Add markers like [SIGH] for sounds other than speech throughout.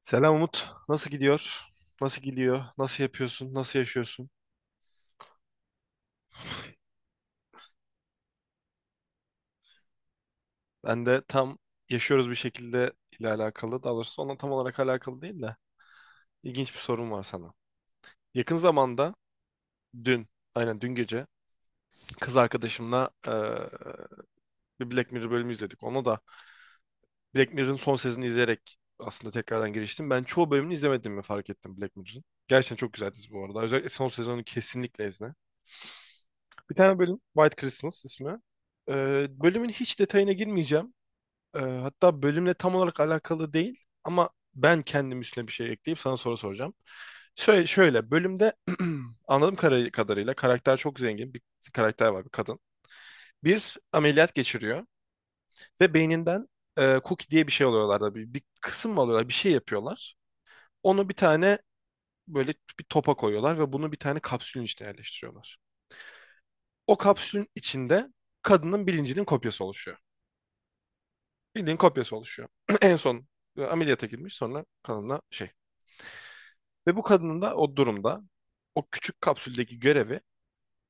Selam Umut. Nasıl gidiyor? Nasıl gidiyor? Nasıl yapıyorsun? Nasıl yaşıyorsun? Ben de tam yaşıyoruz bir şekilde ile alakalı. Daha doğrusu onunla tam olarak alakalı değil de ilginç bir sorum var sana. Yakın zamanda dün, aynen dün gece kız arkadaşımla bir Black Mirror bölümü izledik. Ona da Black Mirror'ın son sezonunu izleyerek aslında tekrardan giriştim. Ben çoğu bölümünü izlemedim, izlemediğimi fark ettim Black Mirror'ın. Gerçekten çok güzel dizi bu arada. Özellikle son sezonu kesinlikle izle. Bir tane bölüm White Christmas ismi. Bölümün hiç detayına girmeyeceğim. Hatta bölümle tam olarak alakalı değil ama ben kendim üstüne bir şey ekleyip sana soru soracağım. Şöyle, şöyle bölümde [CLEARS THROAT] anladığım kadarıyla karakter çok zengin bir karakter var, bir kadın. Bir ameliyat geçiriyor ve beyninden cookie diye bir şey alıyorlar da bir kısım mı alıyorlar, bir şey yapıyorlar. Onu bir tane böyle bir topa koyuyorlar ve bunu bir tane kapsülün içine yerleştiriyorlar. O kapsülün içinde kadının bilincinin kopyası oluşuyor. Bildiğin kopyası oluşuyor. [CLEARS THROAT] En son ameliyata girmiş, sonra kanına şey. Ve bu kadının da o durumda o küçük kapsüldeki görevi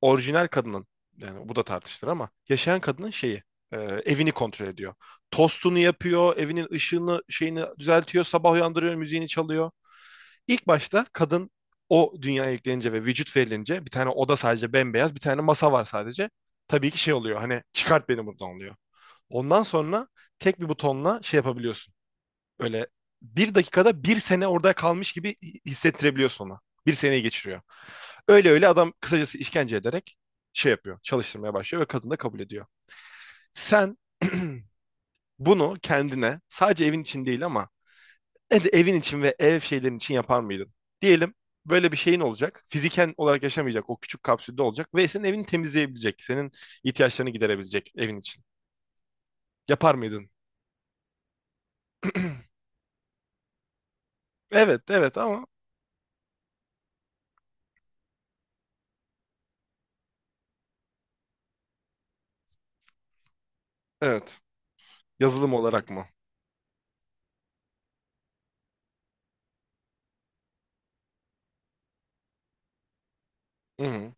orijinal kadının, yani bu da tartışılır ama yaşayan kadının şeyi, evini kontrol ediyor. Tostunu yapıyor, evinin ışığını şeyini düzeltiyor, sabah uyandırıyor, müziğini çalıyor. İlk başta kadın o dünyaya yüklenince ve vücut verilince bir tane oda sadece bembeyaz, bir tane masa var sadece. Tabii ki şey oluyor, hani çıkart beni buradan oluyor. Ondan sonra tek bir butonla şey yapabiliyorsun. Böyle bir dakikada bir sene orada kalmış gibi hissettirebiliyorsun ona. Bir seneyi geçiriyor. Öyle öyle adam kısacası işkence ederek şey yapıyor. Çalıştırmaya başlıyor ve kadın da kabul ediyor. Sen [CLEARS THROAT] bunu kendine sadece evin için değil ama ne de evin için ve ev şeylerin için yapar mıydın? Diyelim böyle bir şeyin olacak. Fiziken olarak yaşamayacak. O küçük kapsülde olacak. Ve senin evini temizleyebilecek. Senin ihtiyaçlarını giderebilecek evin için. Yapar mıydın? Evet, evet ama evet. Yazılım olarak mı? Hı hı.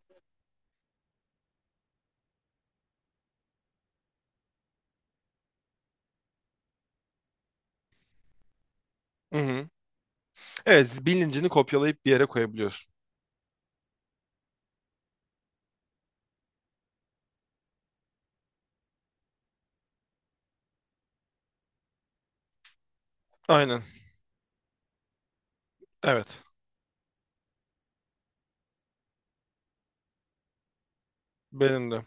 Hı hı. Evet, bilincini kopyalayıp bir yere koyabiliyorsun. Aynen. Evet. Benim de.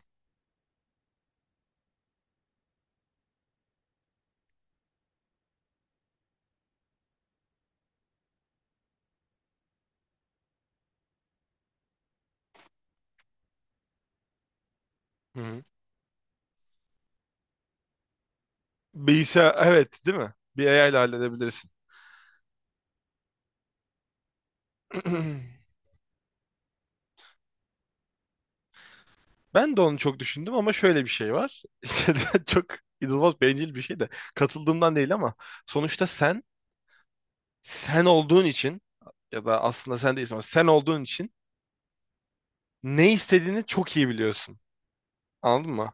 Hı hı. Bilgisayar, evet, değil mi? Bir AI ile halledebilirsin. [CLEARS THROAT] Ben de onu çok düşündüm ama şöyle bir şey var. [LAUGHS] İşte çok inanılmaz bencil bir şey de katıldığımdan değil ama sonuçta sen, sen olduğun için ya da aslında sen değilsin ama sen olduğun için ne istediğini çok iyi biliyorsun. Anladın mı?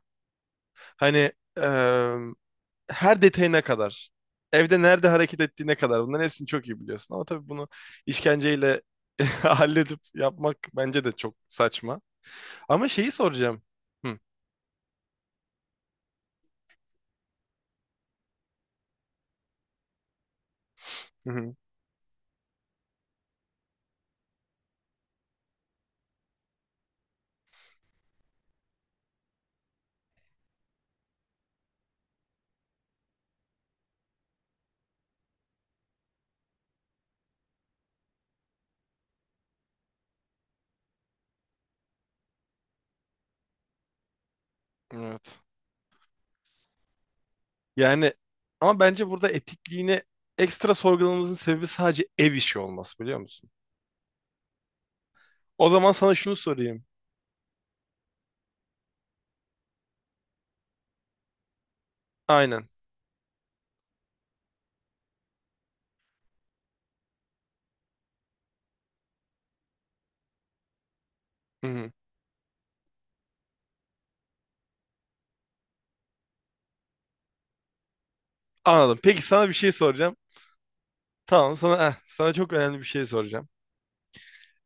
Hani her detayına kadar. Evde nerede hareket ettiğine kadar. Bunların hepsini çok iyi biliyorsun. Ama tabii bunu işkenceyle [LAUGHS] halledip yapmak bence de çok saçma. Ama şeyi soracağım. Hı. Hı hı. Evet. Yani ama bence burada etikliğini ekstra sorgulamamızın sebebi sadece ev işi olması, biliyor musun? O zaman sana şunu sorayım. Aynen. Hı hı. Anladım. Peki sana bir şey soracağım. Tamam, sana sana çok önemli bir şey soracağım.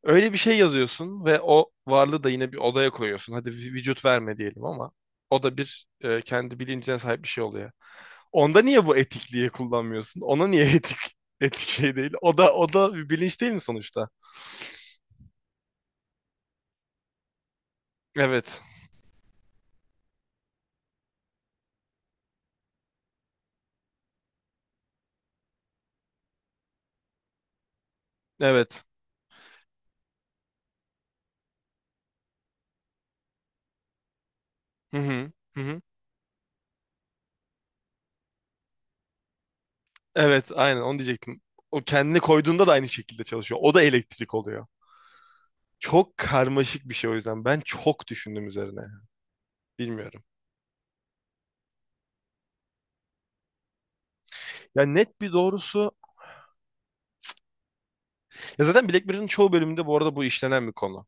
Öyle bir şey yazıyorsun ve o varlığı da yine bir odaya koyuyorsun. Hadi vücut verme diyelim ama o da bir kendi bilincine sahip bir şey oluyor. Onda niye bu etikliği kullanmıyorsun? Ona niye [LAUGHS] etik şey değil? O da bir bilinç değil mi sonuçta? Evet. Evet. Hı hı. Hı hı. Evet, aynen onu diyecektim. O kendini koyduğunda da aynı şekilde çalışıyor. O da elektrik oluyor. Çok karmaşık bir şey o yüzden. Ben çok düşündüm üzerine. Bilmiyorum. Ya net bir doğrusu. Ya zaten Black Mirror'ın çoğu bölümünde bu arada bu işlenen bir konu.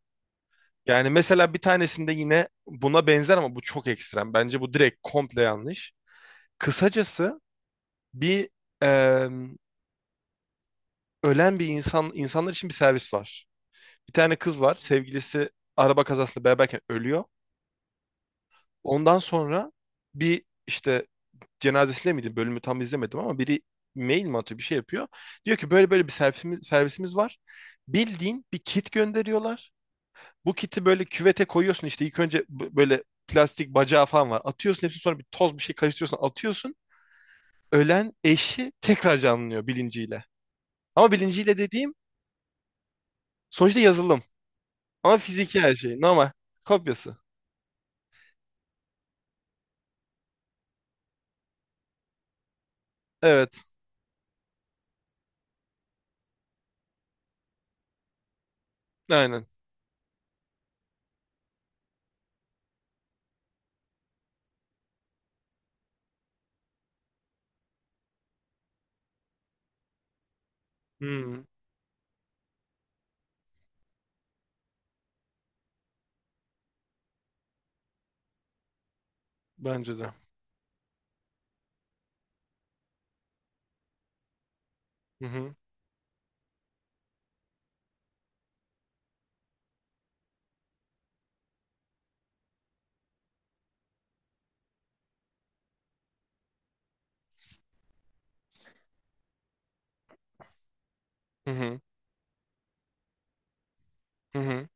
Yani mesela bir tanesinde yine buna benzer ama bu çok ekstrem. Bence bu direkt komple yanlış. Kısacası bir eee, ölen bir insan, insanlar için bir servis var. Bir tane kız var. Sevgilisi araba kazasında beraberken ölüyor. Ondan sonra bir işte cenazesinde miydi? Bölümü tam izlemedim ama biri mail mi atıyor, bir şey yapıyor. Diyor ki böyle böyle bir servisimiz var. Bildiğin bir kit gönderiyorlar. Bu kiti böyle küvete koyuyorsun işte ilk önce böyle plastik bacağı falan var. Atıyorsun hepsini, sonra bir toz bir şey karıştırıyorsun, atıyorsun. Ölen eşi tekrar canlanıyor bilinciyle. Ama bilinciyle dediğim sonuçta yazılım. Ama fiziki her şey. Normal. Kopyası. Evet. Aynen. Hmm, bence de. Hı hı. Hı hı. Hı hı.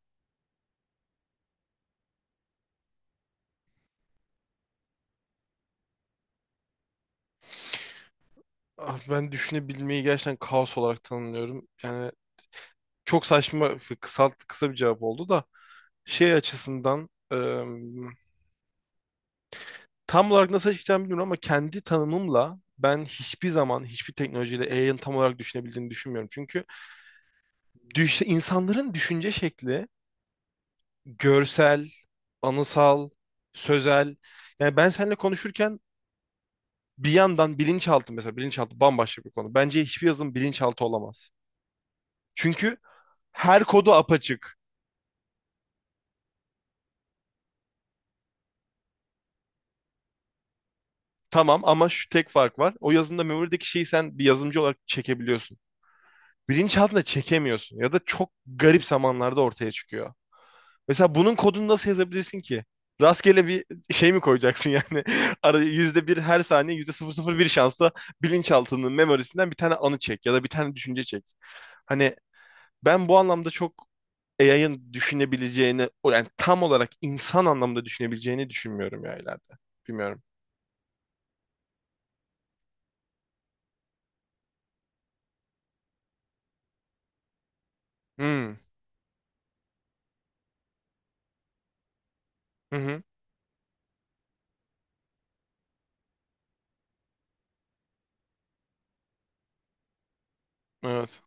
Ah, ben düşünebilmeyi gerçekten kaos olarak tanımlıyorum. Yani çok saçma, kısa, kısa bir cevap oldu da şey açısından tam olarak nasıl açıklayacağımı bilmiyorum, ama kendi tanımımla ben hiçbir zaman hiçbir teknolojiyle AI'ın tam olarak düşünebildiğini düşünmüyorum. Çünkü insanların düşünce şekli görsel, anısal, sözel. Yani ben seninle konuşurken bir yandan bilinçaltı, mesela bilinçaltı bambaşka bir konu. Bence hiçbir yazılım bilinçaltı olamaz. Çünkü her kodu apaçık. Tamam ama şu tek fark var. O yazılımda memory'deki şeyi sen bir yazılımcı olarak çekebiliyorsun. Bilinçaltına çekemiyorsun ya da çok garip zamanlarda ortaya çıkıyor. Mesela bunun kodunu nasıl yazabilirsin ki? Rastgele bir şey mi koyacaksın yani? [LAUGHS] Ara yüzde bir, her saniye yüzde sıfır sıfır bir şansla bilinçaltının memorisinden bir tane anı çek ya da bir tane düşünce çek. Hani ben bu anlamda çok AI'ın düşünebileceğini, o yani tam olarak insan anlamda düşünebileceğini düşünmüyorum ya ileride. Bilmiyorum. Hmm. Hı hı. Evet.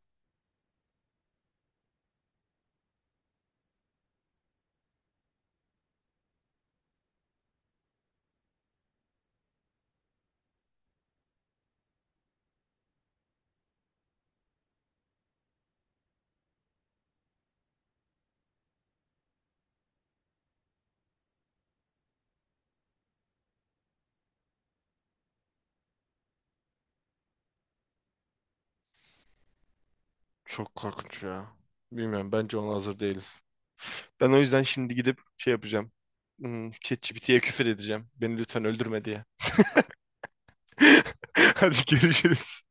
Çok korkunç ya. Bilmiyorum. Bence ona hazır değiliz. Ben o yüzden şimdi gidip şey yapacağım. Hmm, ChatGPT'ye küfür edeceğim. Beni lütfen öldürme diye. [LAUGHS] Hadi görüşürüz.